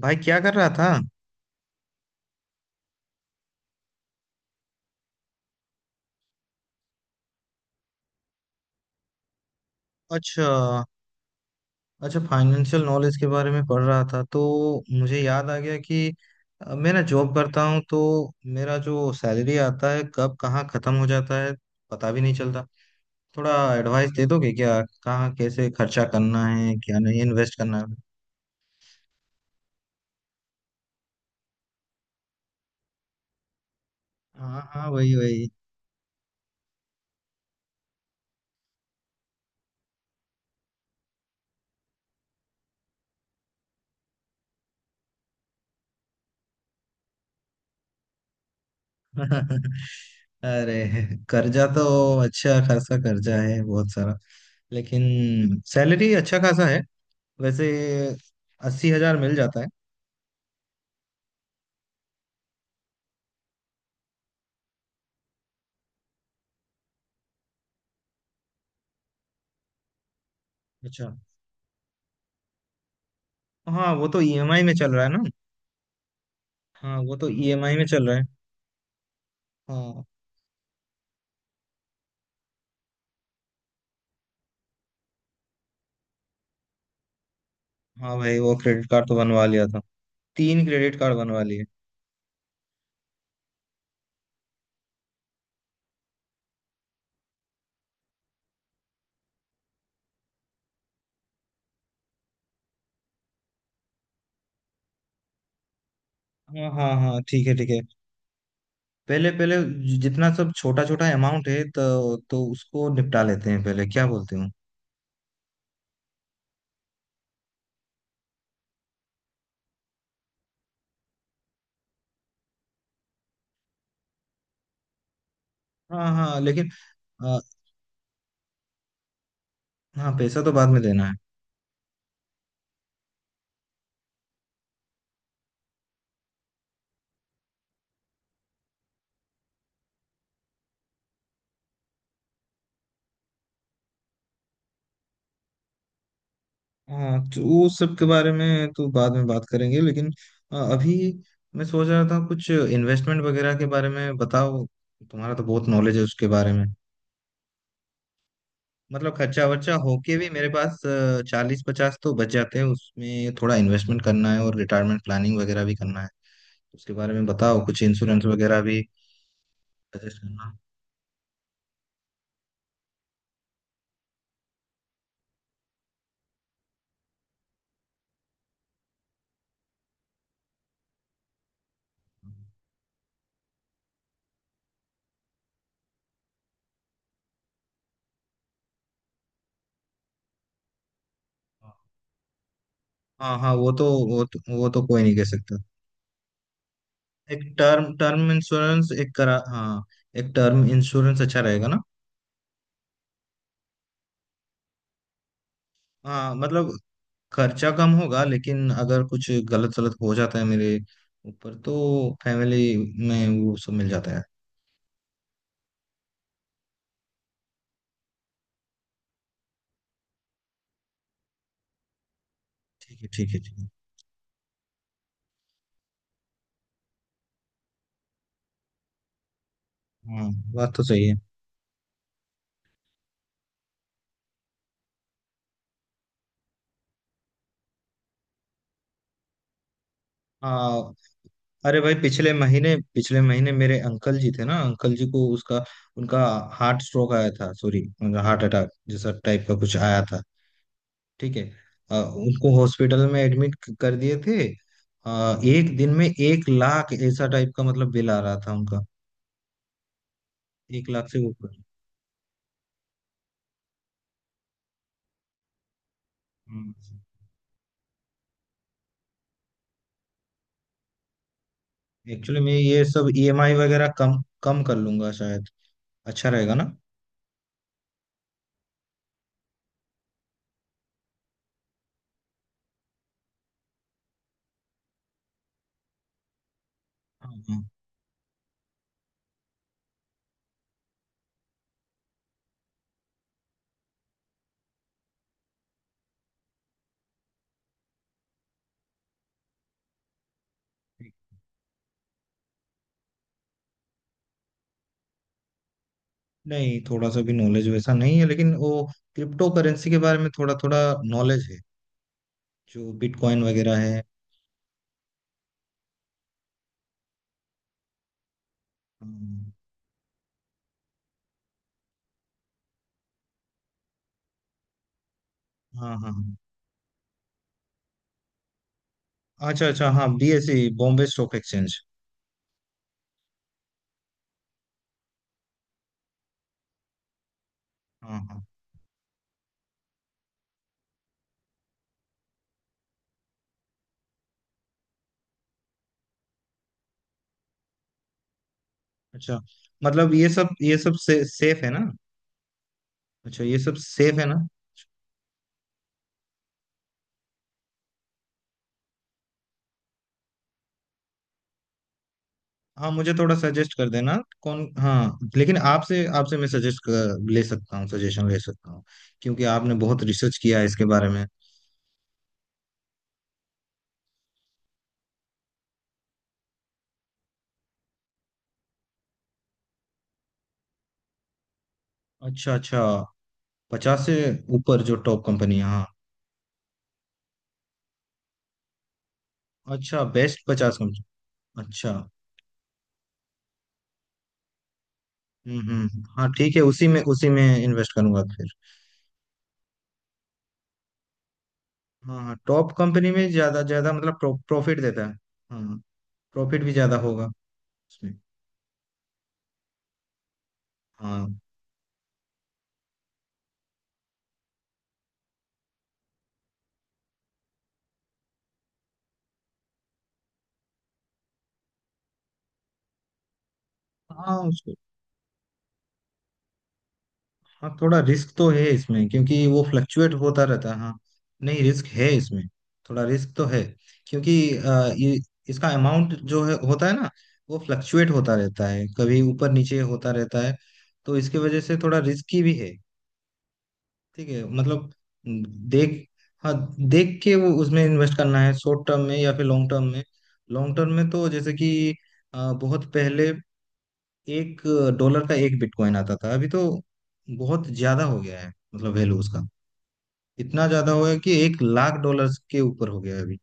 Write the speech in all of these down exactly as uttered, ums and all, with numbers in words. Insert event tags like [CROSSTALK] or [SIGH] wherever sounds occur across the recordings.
भाई, क्या कर रहा था? अच्छा। अच्छा, फाइनेंशियल नॉलेज के बारे में पढ़ रहा था तो मुझे याद आ गया कि अ, मैं ना जॉब करता हूँ, तो मेरा जो सैलरी आता है कब कहाँ खत्म हो जाता है पता भी नहीं चलता। थोड़ा एडवाइस दे दोगे क्या, कहाँ कैसे खर्चा करना है, क्या नहीं, इन्वेस्ट करना है। हाँ हाँ, वही वही। [LAUGHS] अरे, कर्जा तो अच्छा खासा कर्जा है बहुत सारा, लेकिन सैलरी अच्छा खासा है वैसे। अस्सी हजार मिल जाता है। अच्छा। हाँ वो तो ईएमआई में चल रहा है ना। हाँ वो तो ईएमआई में चल रहा है। हाँ। हाँ भाई, वो क्रेडिट कार्ड तो बनवा लिया था। तीन क्रेडिट कार्ड बनवा लिए। हाँ हाँ हाँ, ठीक है ठीक है। पहले पहले जि- जितना सब छोटा छोटा अमाउंट है तो तो उसको निपटा लेते हैं पहले, क्या बोलते हो? हाँ हाँ, लेकिन आ, हाँ पैसा तो बाद में देना है। हाँ, तो वो सब के बारे में तो बाद में बात करेंगे, लेकिन आ, अभी मैं सोच रहा था कुछ इन्वेस्टमेंट वगैरह के बारे में बताओ। तुम्हारा तो बहुत नॉलेज है उसके बारे में। मतलब खर्चा वर्चा होके भी मेरे पास चालीस पचास तो बच जाते हैं। उसमें थोड़ा इन्वेस्टमेंट करना है और रिटायरमेंट प्लानिंग वगैरह भी करना है। उसके बारे में बताओ कुछ, इंश्योरेंस वगैरह भी सजेस्ट करना। हाँ हाँ, वो तो वो तो, वो तो कोई नहीं कह सकता। एक टर्म टर्म इंश्योरेंस एक करा, हाँ। एक टर्म इंश्योरेंस अच्छा रहेगा ना? हाँ मतलब, खर्चा कम होगा लेकिन अगर कुछ गलत सलत हो जाता है मेरे ऊपर तो फैमिली में वो सब मिल जाता है। ठीक है ठीक है ठीक है। हाँ बात तो सही है। हाँ। अरे भाई, पिछले महीने पिछले महीने मेरे अंकल जी थे ना। अंकल जी को उसका उनका हार्ट स्ट्रोक आया था, सॉरी, हार्ट अटैक जैसा टाइप का कुछ आया था। ठीक है। अ, उनको हॉस्पिटल में एडमिट कर दिए थे। अ, एक दिन में एक लाख ऐसा टाइप का मतलब बिल आ रहा था उनका। एक लाख से ऊपर। हम्म। एक्चुअली, मैं ये सब ईएमआई वगैरह कम कम कर लूंगा शायद। अच्छा रहेगा ना? हाँ हाँ। नहीं, थोड़ा सा भी नॉलेज वैसा नहीं है, लेकिन वो क्रिप्टो करेंसी के बारे में थोड़ा थोड़ा नॉलेज है। जो बिटकॉइन वगैरह है। हम्म, हाँ हाँ हाँ। अच्छा अच्छा, हाँ, बीएसई, बॉम्बे स्टॉक एक्सचेंज। हाँ हाँ। अच्छा मतलब ये सब ये सब से, सेफ है ना? अच्छा, ये सब सेफ है ना? हाँ मुझे थोड़ा सजेस्ट कर देना कौन, हाँ। लेकिन आपसे आपसे मैं सजेस्ट ले सकता हूँ, सजेशन ले सकता हूँ। क्योंकि आपने बहुत रिसर्च किया है इसके बारे में। अच्छा अच्छा। पचास से ऊपर जो टॉप कंपनी, हाँ। अच्छा, बेस्ट पचास कंपनी। अच्छा। हम्म हम्म हम्म। हाँ ठीक है, उसी में उसी में इन्वेस्ट करूंगा फिर। हाँ हाँ, टॉप कंपनी में ज्यादा ज्यादा मतलब प्रो, प्रॉफिट देता है। हाँ, प्रॉफिट भी ज्यादा होगा उसमें। हाँ हाँ उसको। हाँ, थोड़ा रिस्क तो है इसमें क्योंकि वो फ्लक्चुएट होता रहता है, हाँ। नहीं, रिस्क है इसमें, थोड़ा रिस्क तो है। क्योंकि अ, ये, इसका अमाउंट जो है होता है ना, वो फ्लक्चुएट होता रहता है, कभी ऊपर नीचे होता रहता है। तो इसकी वजह से थोड़ा रिस्की भी है। ठीक है मतलब। देख, हाँ, देख के वो, उसमें इन्वेस्ट करना है शॉर्ट टर्म में या फिर लॉन्ग टर्म में। लॉन्ग टर्म में तो जैसे कि अ, बहुत पहले एक डॉलर का एक बिटकॉइन आता था। अभी तो बहुत ज्यादा हो गया है, मतलब वैल्यू उसका इतना ज्यादा हो गया कि एक लाख डॉलर्स के ऊपर हो गया है अभी।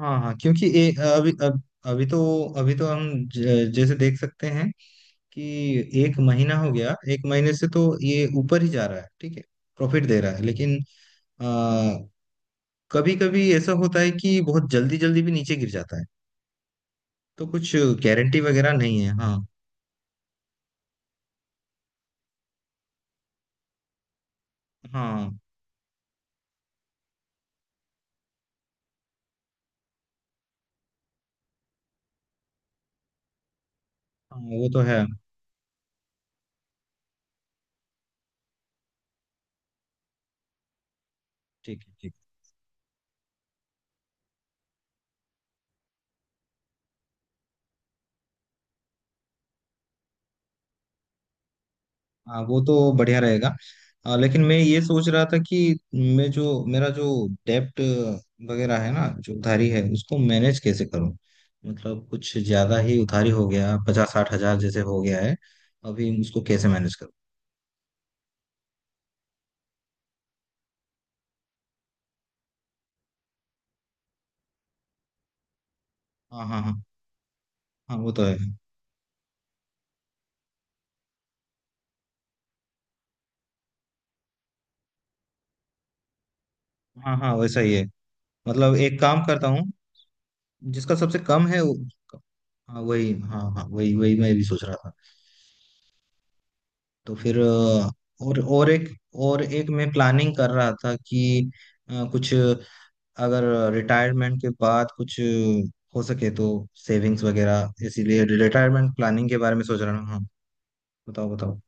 हाँ हाँ, क्योंकि ए, अभी, अब अभी तो अभी तो हम ज- जैसे देख सकते हैं कि एक महीना हो गया। एक महीने से तो ये ऊपर ही जा रहा है, ठीक है, प्रॉफिट दे रहा है। लेकिन कभी कभी ऐसा होता है कि बहुत जल्दी जल्दी भी नीचे गिर जाता है। तो कुछ गारंटी वगैरह नहीं है, हाँ। हाँ हाँ, वो तो है। ठीक है ठीक है। हाँ वो तो बढ़िया रहेगा। आ, लेकिन मैं ये सोच रहा था कि मैं जो मेरा जो डेप्ट वगैरह है ना, जो उधारी है, उसको मैनेज कैसे करूं? मतलब कुछ ज्यादा ही उधारी हो गया, पचास साठ हजार जैसे हो गया है अभी, उसको कैसे मैनेज करूं? हाँ हाँ हाँ। हाँ वो तो है। हाँ हाँ वैसा ही है। मतलब एक काम करता हूँ, जिसका सबसे कम है। हाँ वही। हाँ हाँ, वही वही मैं भी सोच रहा था। तो फिर अ, और और एक और एक मैं प्लानिंग कर रहा था कि अ, कुछ, अगर रिटायरमेंट के बाद कुछ हो सके तो सेविंग्स वगैरह, इसीलिए रिटायरमेंट प्लानिंग के बारे में सोच रहा हूँ, हाँ। बताओ बताओ।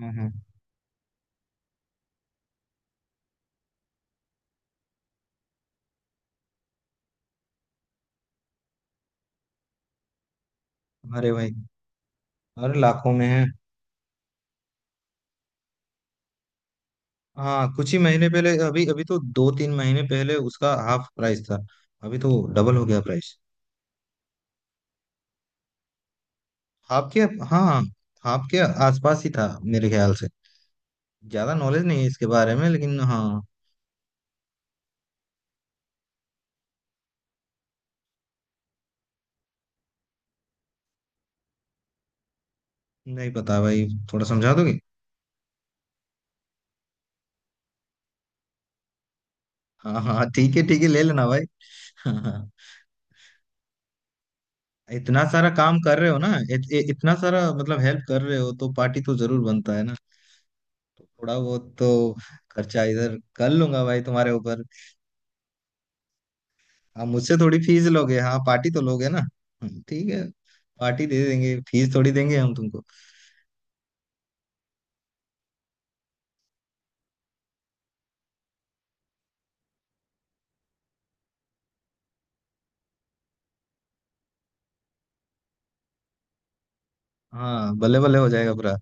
हाँ हाँ। अरे भाई, अरे, लाखों में है। हाँ, कुछ ही महीने पहले, अभी अभी तो दो तीन महीने पहले उसका हाफ प्राइस था। अभी तो डबल हो गया प्राइस। हाफ के हाँ, हाफ के आसपास ही था मेरे ख्याल से। ज्यादा नॉलेज नहीं है इसके बारे में, लेकिन हाँ। नहीं पता भाई, थोड़ा समझा दोगे? हाँ हाँ हाँ, ठीक है ठीक है, ले लेना भाई। हाँ हाँ हाँ। इतना सारा काम कर रहे हो ना, इत, इ- इतना सारा मतलब हेल्प कर रहे हो तो पार्टी तो जरूर बनता है ना। तो थोड़ा बहुत तो खर्चा इधर कर लूंगा भाई तुम्हारे ऊपर। हाँ, मुझसे थोड़ी फीस लोगे, हाँ, पार्टी तो लोगे ना। हम्म, ठीक है। पार्टी दे देंगे, फीस थोड़ी देंगे हम तुमको। हाँ बल्ले बल्ले हो जाएगा पूरा।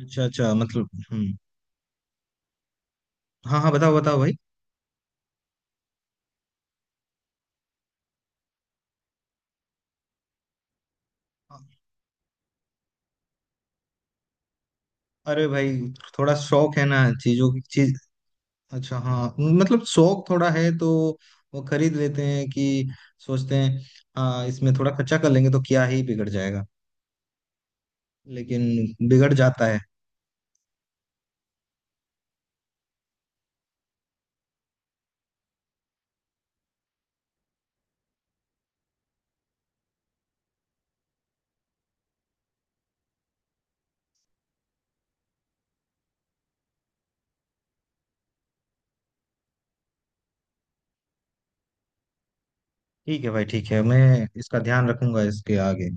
अच्छा अच्छा, मतलब, हम्म। हाँ हाँ, बताओ बताओ भाई। अरे भाई, थोड़ा शौक है ना, चीजों की चीज। अच्छा, हाँ, मतलब शौक थोड़ा है तो वो खरीद लेते हैं कि सोचते हैं हाँ इसमें थोड़ा खर्चा कर लेंगे तो क्या ही बिगड़ जाएगा, लेकिन बिगड़ जाता है। ठीक है भाई, ठीक है, मैं इसका ध्यान रखूंगा इसके आगे।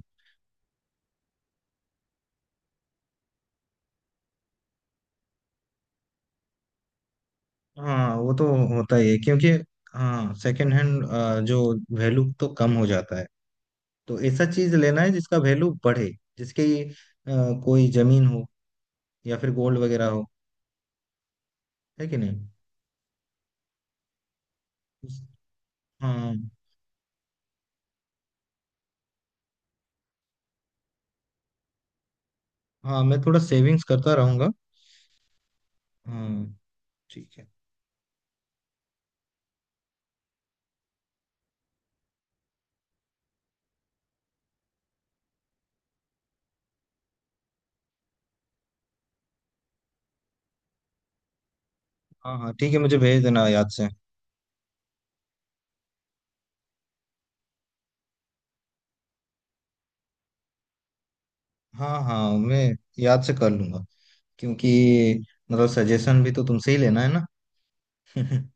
हाँ, वो तो होता ही है, क्योंकि हाँ, सेकंड हैंड जो वैल्यू तो कम हो जाता है। तो ऐसा चीज लेना है जिसका वैल्यू बढ़े, जिसके अ, कोई जमीन हो, या फिर गोल्ड वगैरह हो, है कि नहीं? हाँ हाँ, मैं थोड़ा सेविंग्स करता रहूंगा। हाँ ठीक है। हाँ हाँ ठीक है, मुझे भेज देना याद से। हाँ हाँ, मैं याद से कर लूंगा, क्योंकि मतलब सजेशन भी तो तुमसे ही लेना है ना। [LAUGHS]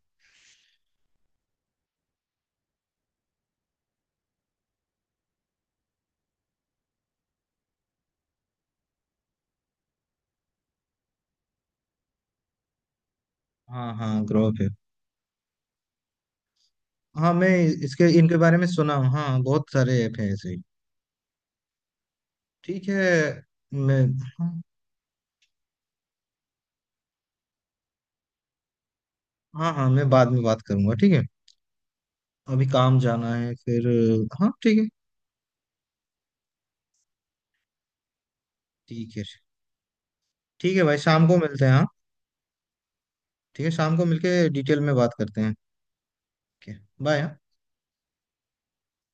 हाँ हाँ, ग्रो पे। हाँ, मैं इसके इनके बारे में सुना हूँ, हाँ, बहुत सारे ऐप हैं ऐसे ही। ठीक है। मैं, हाँ हाँ, मैं बाद में बात करूंगा ठीक है। अभी काम जाना है फिर। हाँ ठीक है। ठीक है। ठीक है भाई, शाम को मिलते हैं, हाँ। ठीक है, शाम को मिलके डिटेल में बात करते हैं। ओके। बाय।